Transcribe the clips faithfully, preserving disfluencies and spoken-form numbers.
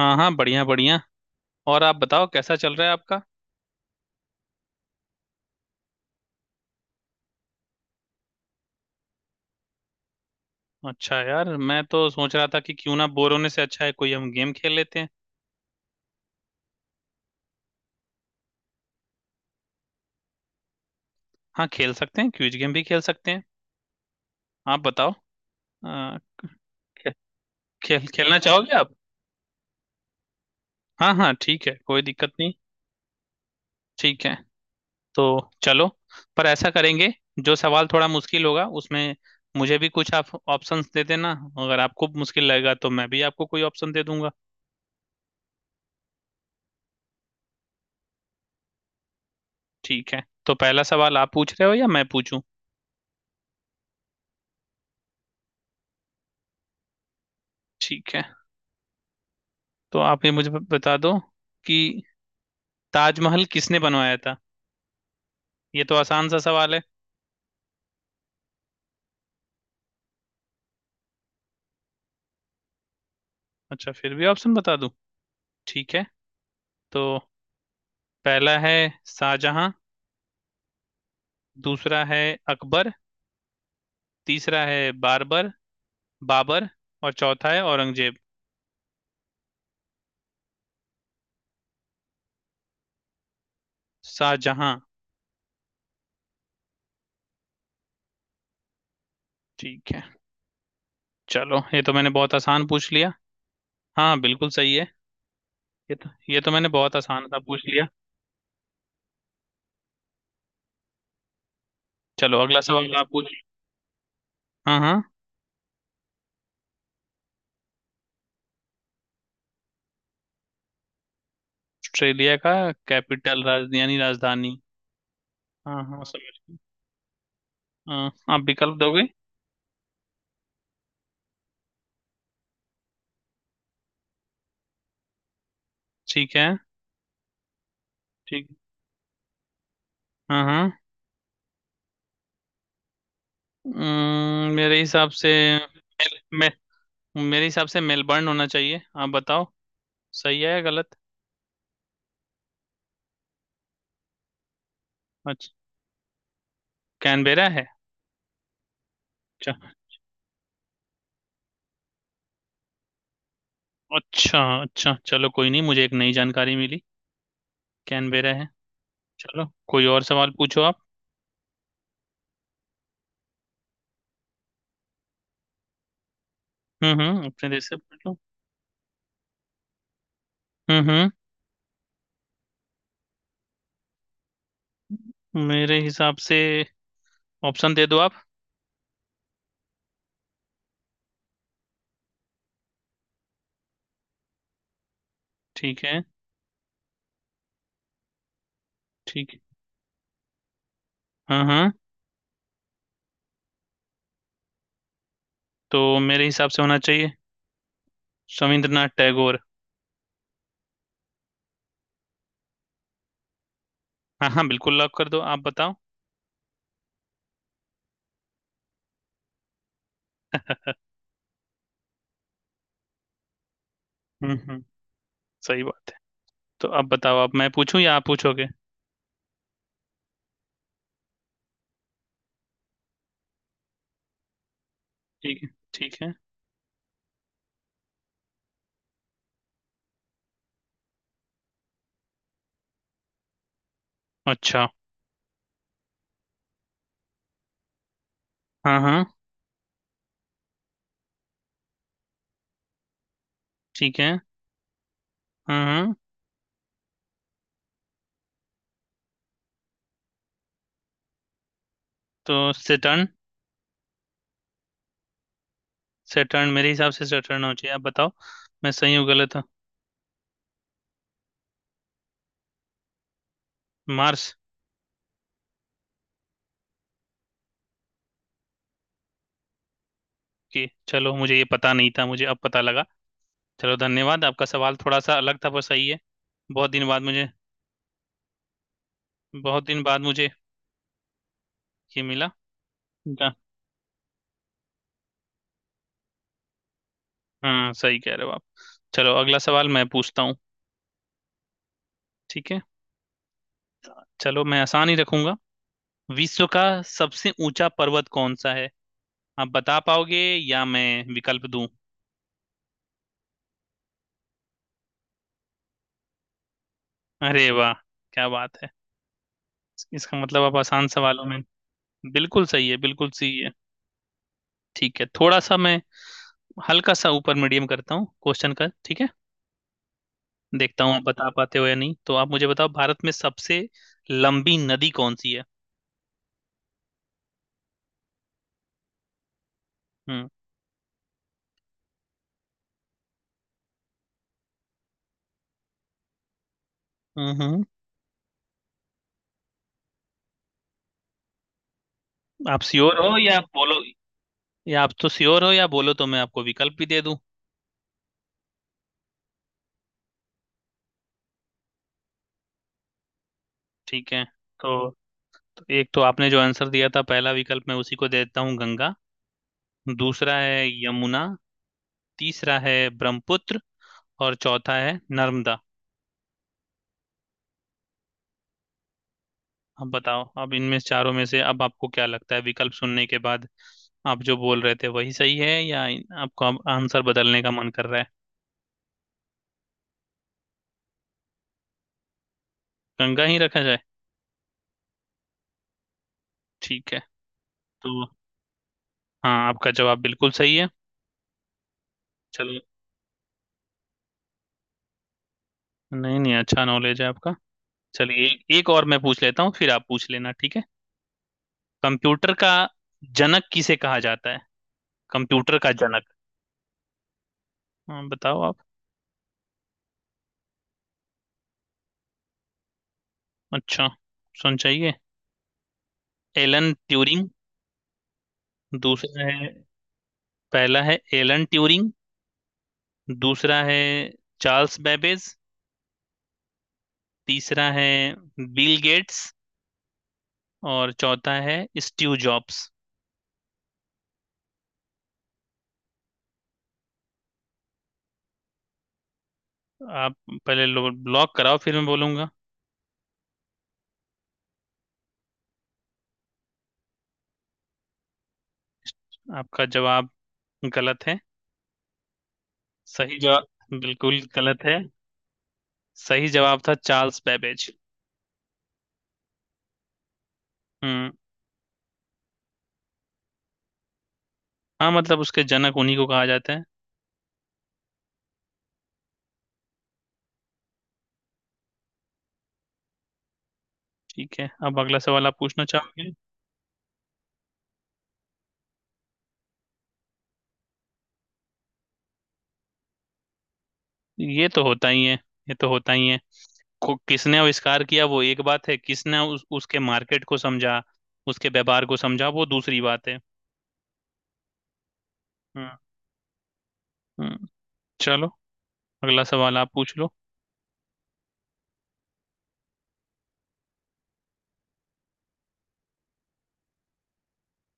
हाँ हाँ, बढ़िया बढ़िया। और आप बताओ कैसा चल रहा है आपका। अच्छा यार, मैं तो सोच रहा था कि क्यों ना, बोर होने से अच्छा है कोई हम गेम खेल लेते हैं। हाँ, खेल सकते हैं, क्विज गेम भी खेल सकते हैं। आप बताओ। आ, खे, खेल खेलना चाहोगे आप? हाँ हाँ ठीक है, कोई दिक्कत नहीं। ठीक है, तो चलो। पर ऐसा करेंगे, जो सवाल थोड़ा मुश्किल होगा उसमें मुझे भी कुछ आप ऑप्शंस दे देना। अगर आपको मुश्किल लगेगा तो मैं भी आपको कोई ऑप्शन दे दूंगा। ठीक है, तो पहला सवाल आप पूछ रहे हो या मैं पूछूं? ठीक है, तो आप ये मुझे ब- बता दो कि ताजमहल किसने बनवाया था। ये तो आसान सा सवाल है। अच्छा, फिर भी ऑप्शन बता दूं। ठीक है, तो पहला है शाहजहां, दूसरा है अकबर, तीसरा है बारबर बाबर, और चौथा है औरंगजेब। शाहजहां। ठीक है, चलो ये तो मैंने बहुत आसान पूछ लिया। हाँ बिल्कुल सही है। ये तो ये तो मैंने बहुत आसान सा पूछ लिया। चलो अगला सवाल आप पूछ। हाँ हाँ। ऑस्ट्रेलिया का कैपिटल, राजधानी राजधानी। हाँ हाँ समझ। हाँ, आप विकल्प दोगे। ठीक है। ठीक। हाँ हाँ। अम्म, मेरे हिसाब से, मेल, मे, मेरे हिसाब से मेलबर्न होना चाहिए। आप बताओ सही है या गलत। अच्छा, कैनबेरा है। अच्छा अच्छा अच्छा चलो कोई नहीं, मुझे एक नई जानकारी मिली, कैनबेरा है। चलो कोई और सवाल पूछो आप। हम्म हम्म, अपने देश से पूछो। हम्म हम्म। मेरे हिसाब से, ऑप्शन दे दो आप। ठीक है। ठीक है। हाँ हाँ। तो मेरे हिसाब से होना चाहिए रविंद्रनाथ टैगोर। हाँ हाँ बिल्कुल, लॉक कर दो, आप बताओ। हम्म हम्म, सही बात है। तो अब बताओ, आप मैं पूछूं या आप पूछोगे? ठीक है। ठीक है। अच्छा। हाँ हाँ ठीक है। हाँ हाँ। तो सेटर्न। सेटर्न, मेरे हिसाब से सेटर्न हो चाहिए। आप बताओ मैं सही हूँ गलत हूँ। मार्स। की चलो, मुझे ये पता नहीं था, मुझे अब पता लगा। चलो धन्यवाद, आपका सवाल थोड़ा सा अलग था पर सही है। बहुत दिन बाद मुझे बहुत दिन बाद मुझे ये मिला। जा- हाँ सही कह रहे हो आप। चलो अगला सवाल मैं पूछता हूँ। ठीक है, चलो मैं आसान ही रखूंगा। विश्व का सबसे ऊंचा पर्वत कौन सा है? आप बता पाओगे या मैं विकल्प दूं? अरे वाह, क्या बात है! इसका मतलब आप आसान सवालों में। बिल्कुल सही है बिल्कुल सही है। ठीक है, थोड़ा सा मैं हल्का सा ऊपर मीडियम करता हूँ क्वेश्चन का, ठीक है। देखता हूँ आप बता पाते हो या नहीं। तो आप मुझे बताओ, भारत में सबसे लंबी नदी कौन सी है? हम्म हम्म। हम्म, आप श्योर हो या बोलो, या आप तो श्योर हो या बोलो तो मैं आपको विकल्प भी दे दूं। ठीक है। तो एक तो आपने जो आंसर दिया था पहला विकल्प मैं उसी को दे देता हूँ, गंगा। दूसरा है यमुना, तीसरा है ब्रह्मपुत्र, और चौथा है नर्मदा। अब बताओ, अब इनमें से चारों में से अब आपको क्या लगता है, विकल्प सुनने के बाद आप जो बोल रहे थे वही सही है या इन- आपको अब आंसर बदलने का मन कर रहा है? गंगा ही रखा जाए। ठीक है। तो हाँ, आपका जवाब बिल्कुल सही है। चलो। नहीं नहीं, अच्छा नॉलेज है आपका। चलिए एक, एक और मैं पूछ लेता हूँ फिर आप पूछ लेना, ठीक है। कंप्यूटर का जनक किसे कहा जाता है? कंप्यूटर का जनक। हाँ बताओ आप। अच्छा, सुन चाहिए। Elon Turing. दूसरा है, पहला है एलन ट्यूरिंग, दूसरा है चार्ल्स बेबेज, तीसरा है बिल गेट्स, और चौथा है स्टीव जॉब्स। आप पहले लो- लॉक कराओ फिर मैं बोलूंगा। आपका जवाब गलत है। सही जवाब, बिल्कुल गलत है। सही जवाब था चार्ल्स बेबेज। हम्म। हाँ मतलब उसके जनक उन्हीं को कहा जाता है। ठीक है, अब अगला सवाल आप पूछना चाहोगे। ये तो होता ही है, ये तो होता ही है। को, किसने आविष्कार किया वो एक बात है, किसने उस, उसके मार्केट को समझा, उसके व्यापार को समझा वो दूसरी बात है। हम्म। हम्म। चलो अगला सवाल आप पूछ लो।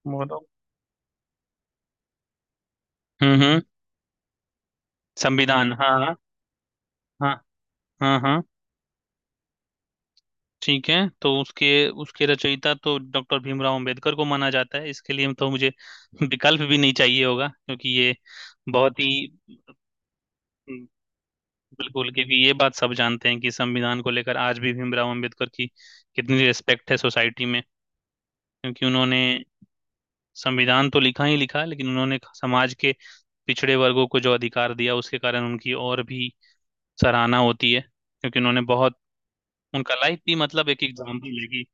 बोलो। हम्म हम्म। संविधान, हाँ हाँ। हाँ हाँ। हाँ ठीक है। तो उसके उसके रचयिता तो डॉक्टर भीमराव अंबेडकर को माना जाता है, इसके लिए तो मुझे विकल्प भी नहीं चाहिए होगा क्योंकि ये बहुत ही। बिल्कुल, क्योंकि ये बात सब जानते हैं कि संविधान को लेकर आज भी भीमराव अंबेडकर की कितनी रिस्पेक्ट है सोसाइटी में, क्योंकि उन्होंने संविधान तो लिखा ही लिखा, लेकिन उन्होंने समाज के पिछड़े वर्गों को जो अधिकार दिया उसके कारण उनकी और भी सराहना होती है। क्योंकि उन्होंने बहुत, उनका लाइफ भी मतलब एक एग्जाम्पल है कि,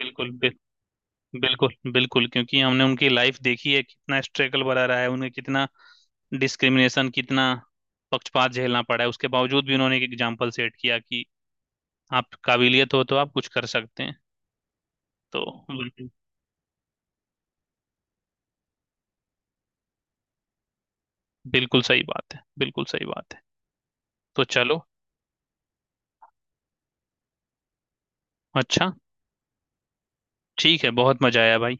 बिल्कुल बि, बिल्कुल बिल्कुल, क्योंकि हमने उनकी लाइफ देखी है कितना स्ट्रगल भरा रहा है, उन्हें कितना डिस्क्रिमिनेशन, कितना पक्षपात झेलना पड़ा है। उसके बावजूद भी उन्होंने एक एग्जाम्पल सेट किया कि आप काबिलियत हो तो आप कुछ कर सकते हैं। तो बिल्कुल, बिल्कुल सही बात है, बिल्कुल सही बात है। तो चलो। अच्छा, ठीक है, बहुत मजा आया भाई,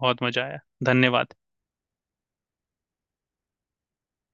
बहुत मजा आया, धन्यवाद।